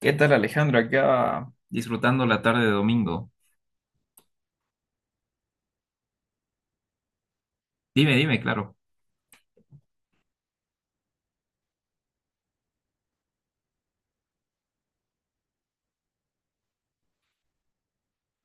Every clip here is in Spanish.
¿Qué tal, Alejandro? Acá disfrutando la tarde de domingo. Dime, dime, claro.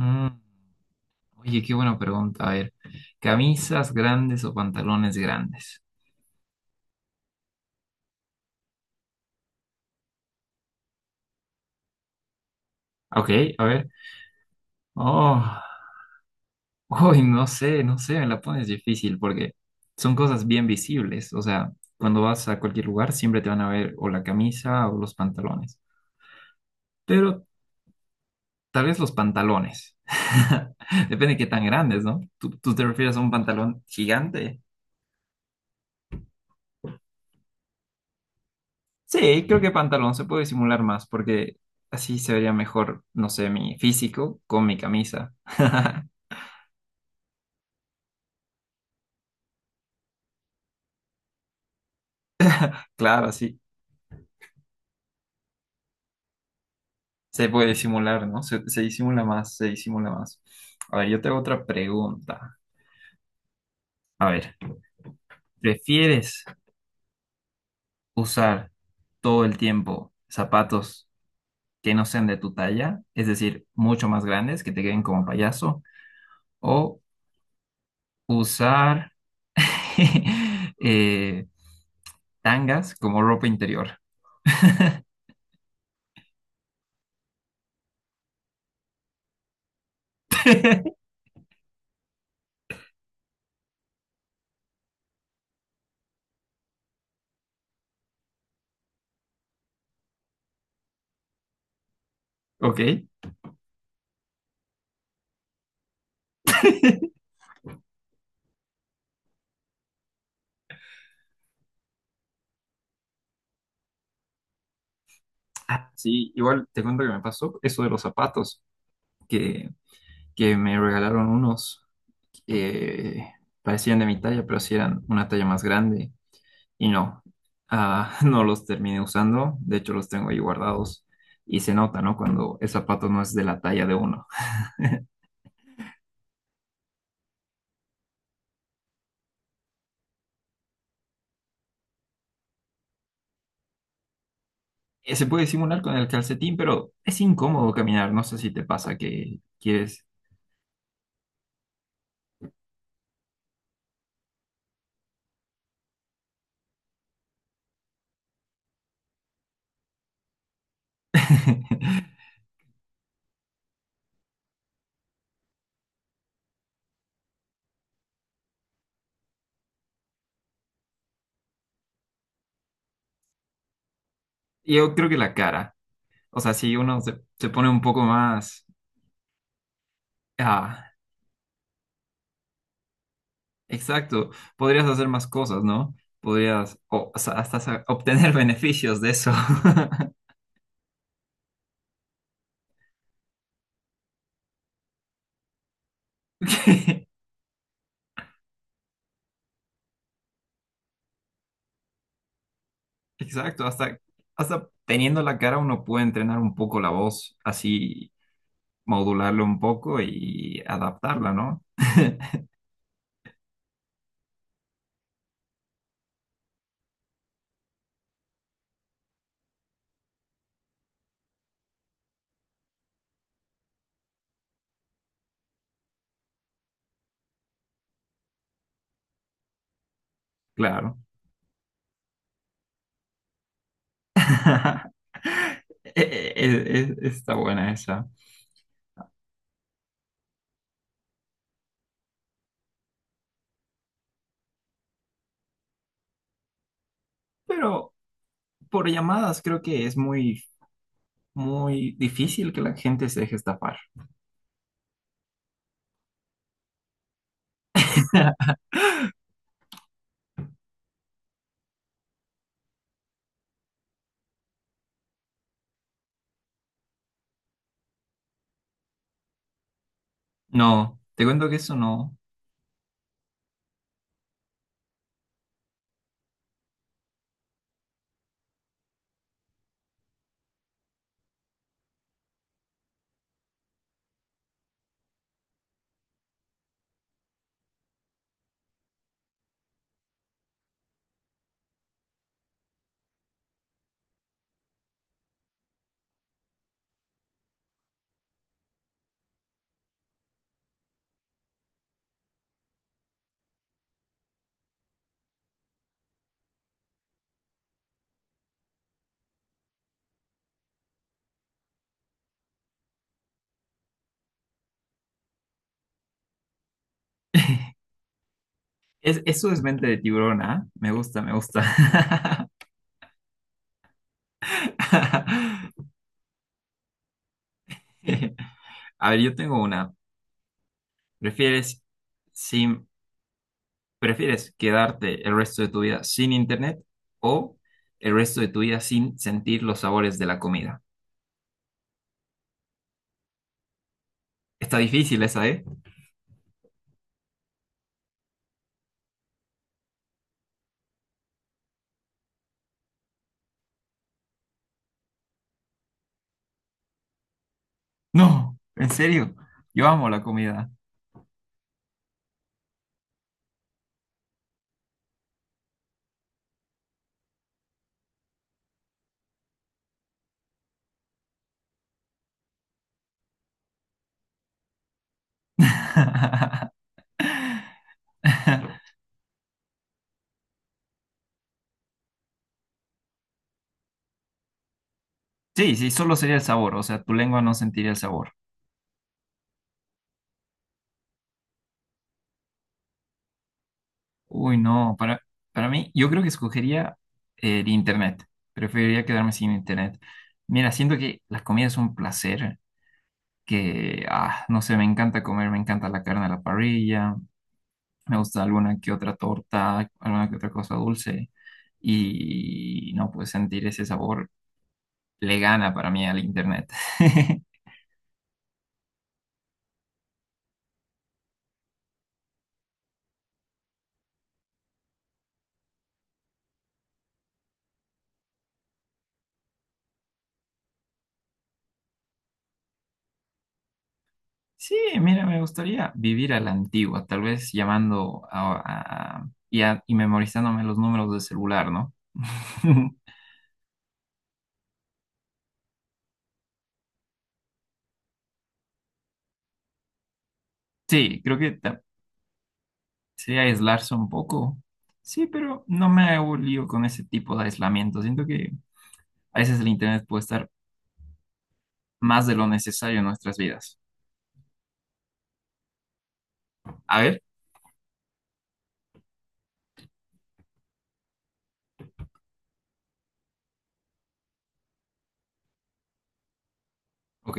Mm, Oye, qué buena pregunta. A ver, ¿camisas grandes o pantalones grandes? Ok, a ver. Oh, no sé, no sé, me la pones difícil porque son cosas bien visibles. O sea, cuando vas a cualquier lugar siempre te van a ver o la camisa o los pantalones. Pero tal vez los pantalones. Depende de qué tan grandes, ¿no? ¿Tú te refieres a un pantalón gigante? Sí, creo que pantalón se puede disimular más porque así se vería mejor, no sé, mi físico con mi camisa. Claro, así se puede disimular, ¿no? Se disimula más, se disimula más. A ver, yo te hago otra pregunta. A ver, ¿prefieres usar todo el tiempo zapatos que no sean de tu talla? Es decir, mucho más grandes, que te queden como payaso, o usar eh, tangas como ropa interior. Ok. Ah, sí, igual te cuento que me pasó eso de los zapatos, que, que me regalaron unos que parecían de mi talla, pero sí eran una talla más grande y no, ah, no los terminé usando, de hecho los tengo ahí guardados y se nota, ¿no? Cuando el zapato no es de la talla de uno. Se puede simular con el calcetín, pero es incómodo caminar, no sé si te pasa que quieres... Yo creo que la cara, o sea, si uno se pone un poco más... ah, exacto, podrías hacer más cosas, ¿no? Podrías o sea, hasta obtener beneficios de eso. Que- Exacto, hasta, hasta teniendo la cara uno puede entrenar un poco la voz, así modularlo un poco y adaptarla, ¿no? Claro. E- e- Está buena esa. Pero por llamadas creo que es muy, muy difícil que la gente se deje estafar. No, te cuento que eso no. Es, eso es mente de tiburón, ¿ah? Me gusta, me gusta. A ver, yo tengo una. ¿Prefieres sin, prefieres quedarte el resto de tu vida sin internet o el resto de tu vida sin sentir los sabores de la comida? Está difícil esa, ¿eh? No, en serio. Yo amo la comida. Sí, sí, solo sería el sabor, o sea, tu lengua no sentiría el sabor. Uy, no, para mí, yo creo que escogería el internet. Preferiría quedarme sin internet. Mira, siento que las comidas son un placer, que, ah, no sé, me encanta comer, me encanta la carne a la parrilla, me gusta alguna que otra torta, alguna que otra cosa dulce, y no, pues sentir ese sabor le gana para mí al internet. Sí, mira, me gustaría vivir a la antigua, tal vez llamando y, y memorizándome los números de celular, ¿no? Sí, creo que sería aislarse un poco. Sí, pero no me hago lío con ese tipo de aislamiento. Siento que a veces el internet puede estar más de lo necesario en nuestras vidas. A ver, ok.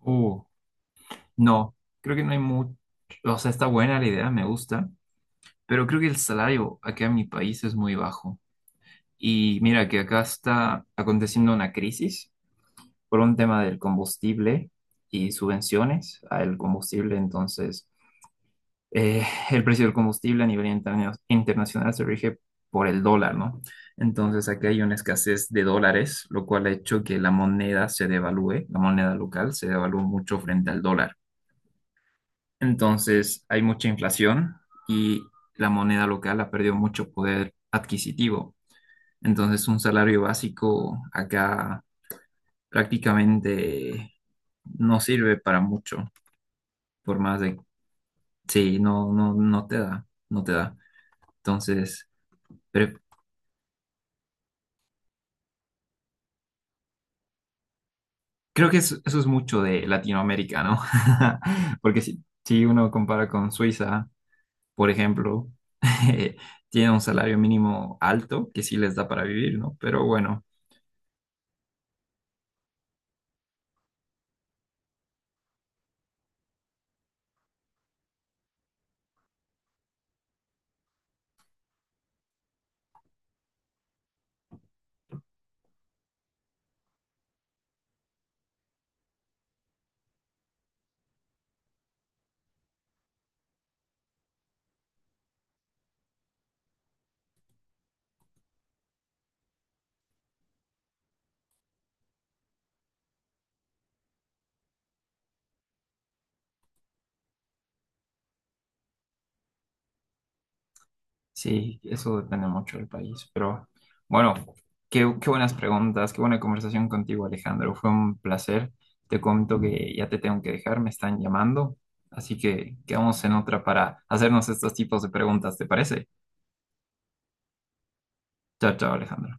Uh, no, creo que no hay mucho. O sea, está buena la idea, me gusta. Pero creo que el salario acá en mi país es muy bajo. Y mira que acá está aconteciendo una crisis por un tema del combustible y subvenciones al combustible. Entonces, eh, el precio del combustible a nivel internacional se rige por el dólar, ¿no? Entonces aquí hay una escasez de dólares, lo cual ha hecho que la moneda se devalúe, la moneda local se devalúa mucho frente al dólar. Entonces hay mucha inflación y la moneda local ha perdido mucho poder adquisitivo. Entonces un salario básico acá prácticamente no sirve para mucho, por más de... Sí, no, no, no te da, no te da. Entonces... pre- Creo que eso es mucho de Latinoamérica, ¿no? Porque si uno compara con Suiza, por ejemplo, eh, tiene un salario mínimo alto que sí les da para vivir, ¿no? Pero bueno, sí, eso depende mucho del país. Pero bueno, qué, qué buenas preguntas, qué buena conversación contigo, Alejandro. Fue un placer. Te comento que ya te tengo que dejar, me están llamando. Así que quedamos en otra para hacernos estos tipos de preguntas, ¿te parece? Chao, chao, Alejandro.